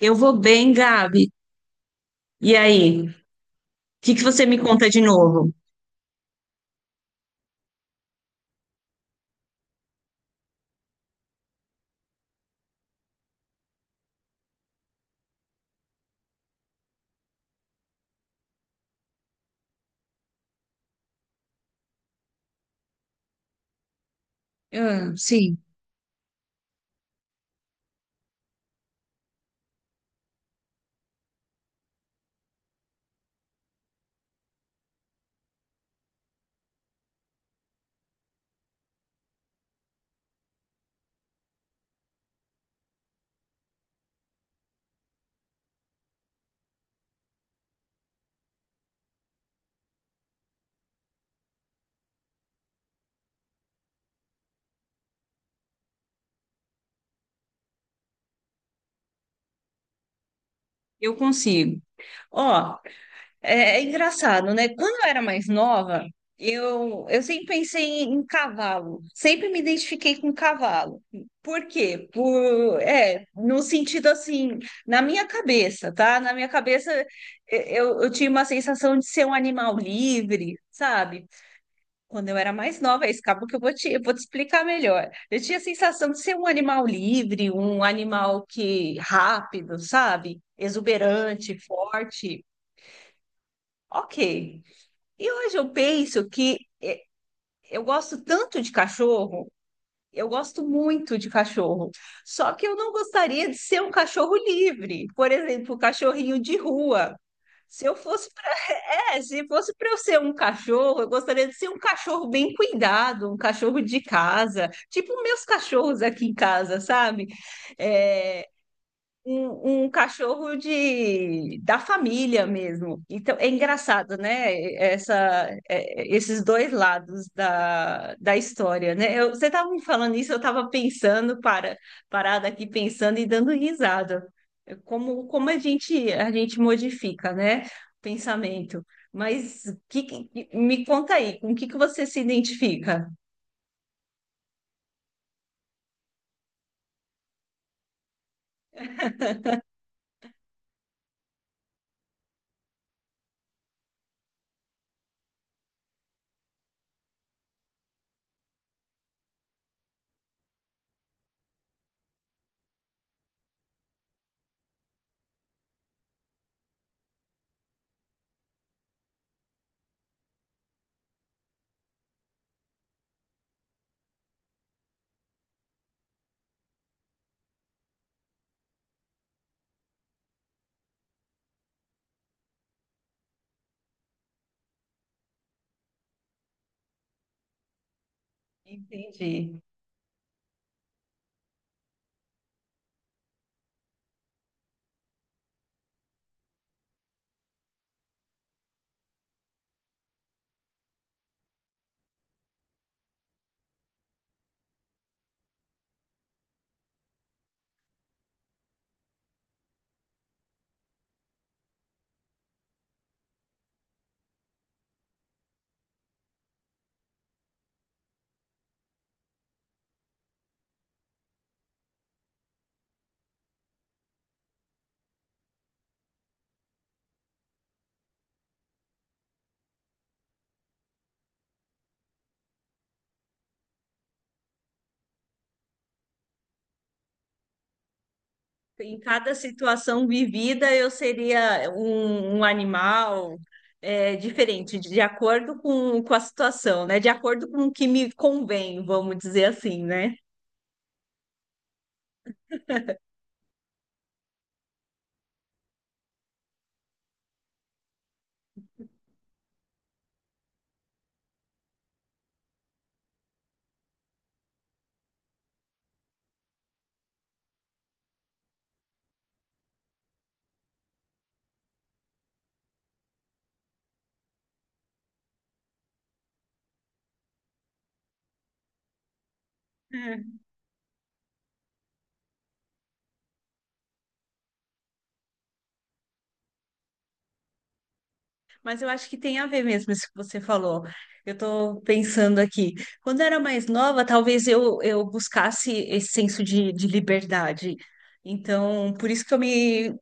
Eu vou bem, Gabi. E aí? O que você me conta de novo? Ah, sim. Eu consigo. Ó, é engraçado, né? Quando eu era mais nova, eu sempre pensei em, em cavalo, sempre me identifiquei com cavalo. Por quê? No sentido assim, na minha cabeça, tá? Na minha cabeça, eu tinha uma sensação de ser um animal livre, sabe? Quando eu era mais nova, é isso, que eu vou te explicar melhor. Eu tinha a sensação de ser um animal livre, um animal que rápido, sabe? Exuberante, forte. Ok. E hoje eu penso que eu gosto tanto de cachorro, eu gosto muito de cachorro. Só que eu não gostaria de ser um cachorro livre. Por exemplo, o cachorrinho de rua. Se eu fosse… É, se fosse para eu ser um cachorro, eu gostaria de ser um cachorro bem cuidado, um cachorro de casa, tipo meus cachorros aqui em casa, sabe? É, Um, um cachorro de da família mesmo. Então é engraçado, né? Esses dois lados da, da história, né? Eu- você estava me falando isso, eu estava pensando, para, parada aqui pensando e dando risada. É. Como a gente modifica, né? O pensamento. Mas me conta aí, com o que você se identifica? Entendi. Em cada situação vivida, eu seria um, um animal diferente, de acordo com a situação, né? De acordo com o que me convém, vamos dizer assim, né? É. Mas eu acho que tem a ver mesmo isso que você falou. Eu estou pensando aqui. Quando eu era mais nova, talvez eu buscasse esse senso de liberdade. Então, por isso que eu me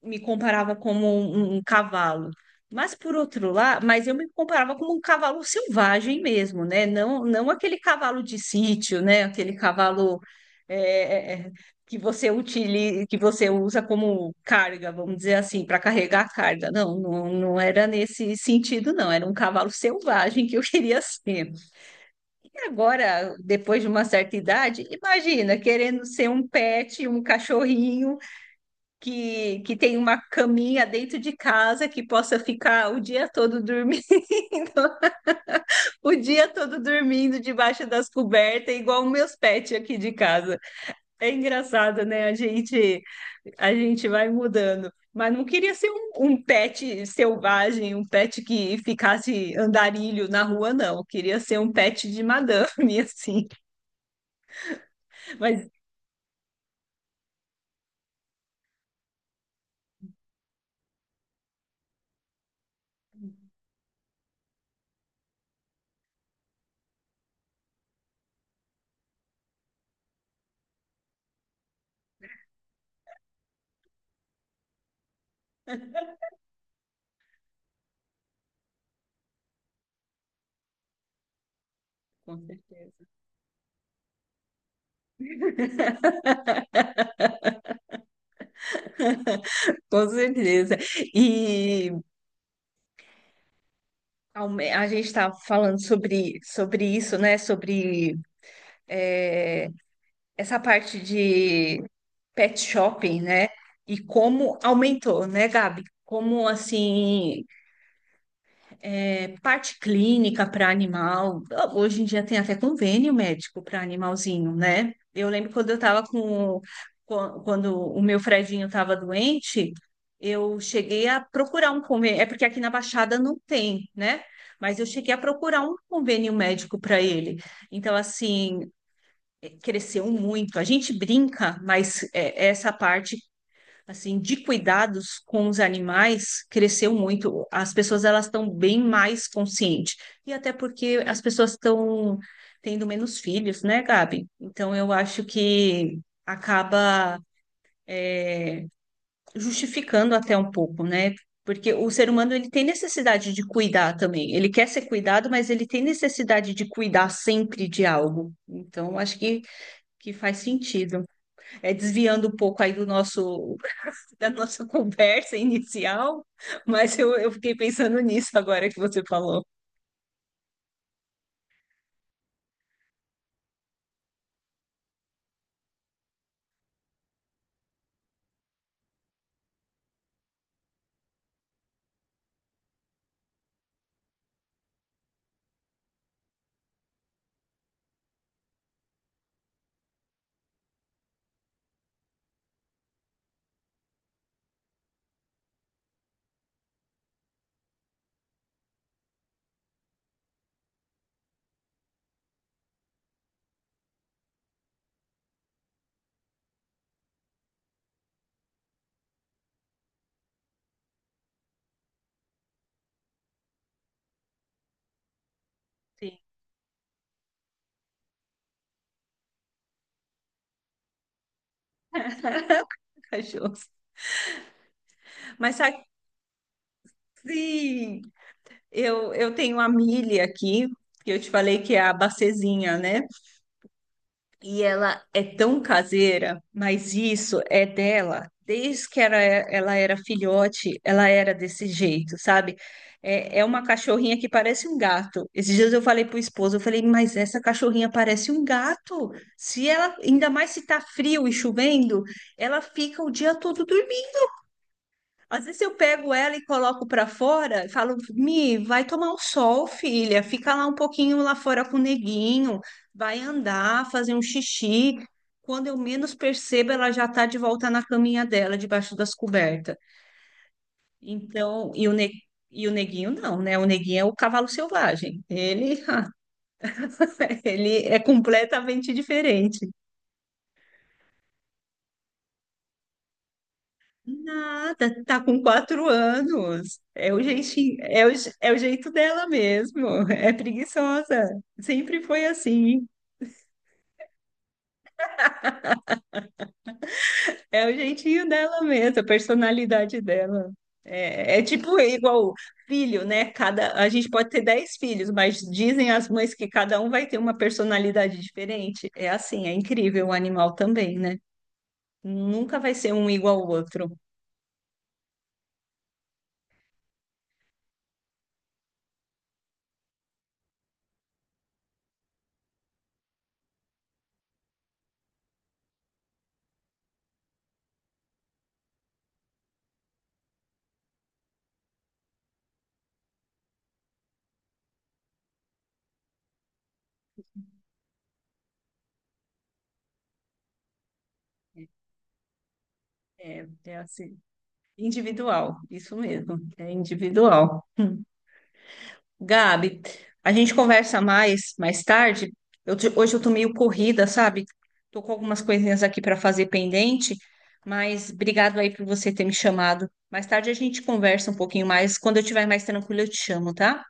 me comparava como um cavalo. Mas por outro lado, mas eu me comparava como um cavalo selvagem mesmo, né? Não, não aquele cavalo de sítio, né? Aquele cavalo é, é, é, que você utiliza, que você usa como carga, vamos dizer assim, para carregar a carga. Não, não, não era nesse sentido, não. Era um cavalo selvagem que eu queria ser. E agora, depois de uma certa idade, imagina, querendo ser um pet, um cachorrinho que tem uma caminha dentro de casa que possa ficar o dia todo dormindo, o dia todo dormindo debaixo das cobertas, igual meus pets aqui de casa. É engraçado, né? A gente vai mudando. Mas não queria ser um, um pet selvagem, um pet que ficasse andarilho na rua, não. Queria ser um pet de madame, assim. Mas com certeza. Com certeza. E a gente está falando sobre, sobre isso, né? Sobre é, essa parte de pet shopping, né? E como aumentou, né, Gabi? Como assim… Parte clínica para animal. Hoje em dia tem até convênio médico para animalzinho, né? Eu lembro quando eu estava com… Quando o meu Fredinho estava doente, eu cheguei a procurar um convênio. É porque aqui na Baixada não tem, né? Mas eu cheguei a procurar um convênio médico para ele. Então, assim, cresceu muito. A gente brinca, mas é, essa parte assim, de cuidados com os animais cresceu muito. As pessoas elas estão bem mais conscientes. E até porque as pessoas estão tendo menos filhos, né, Gabi? Então eu acho que acaba justificando até um pouco, né? Porque o ser humano ele tem necessidade de cuidar também. Ele quer ser cuidado, mas ele tem necessidade de cuidar sempre de algo. Então, acho que faz sentido. É desviando um pouco aí do nosso da nossa conversa inicial, mas eu fiquei pensando nisso agora que você falou. Sim. Cachorros. Mas sabe, eu tenho a Millie aqui, que eu te falei que é a bacezinha, né? E ela é tão caseira, mas isso é dela. Desde que era, ela era filhote, ela era desse jeito, sabe? É uma cachorrinha que parece um gato. Esses dias eu falei pro esposo, eu falei, mas essa cachorrinha parece um gato. Se ela, ainda mais se tá frio e chovendo, ela fica o dia todo… às vezes eu pego ela e coloco para fora e falo, Mi, vai tomar um sol, filha. Fica lá um pouquinho lá fora com o neguinho, vai andar, fazer um xixi. Quando eu menos percebo, ela já tá de volta na caminha dela, debaixo das cobertas. Então, e o, e o neguinho não, né? O neguinho é o cavalo selvagem. Ele, ele é completamente diferente. Nada, tá com 4 anos. É o jeitinho, é o, é o jeito dela mesmo. É preguiçosa. Sempre foi assim. É o jeitinho dela mesmo, a personalidade dela. É tipo igual filho, né? Cada, a gente pode ter 10 filhos, mas dizem as mães que cada um vai ter uma personalidade diferente. É assim, é incrível o animal também, né? Nunca vai ser um igual ao outro. É assim. Individual, isso mesmo, é individual. Gabi, a gente conversa mais tarde. Hoje eu tô meio corrida, sabe? Tô com algumas coisinhas aqui para fazer pendente, mas obrigado aí por você ter me chamado. Mais tarde a gente conversa um pouquinho mais. Quando eu estiver mais tranquila, eu te chamo, tá?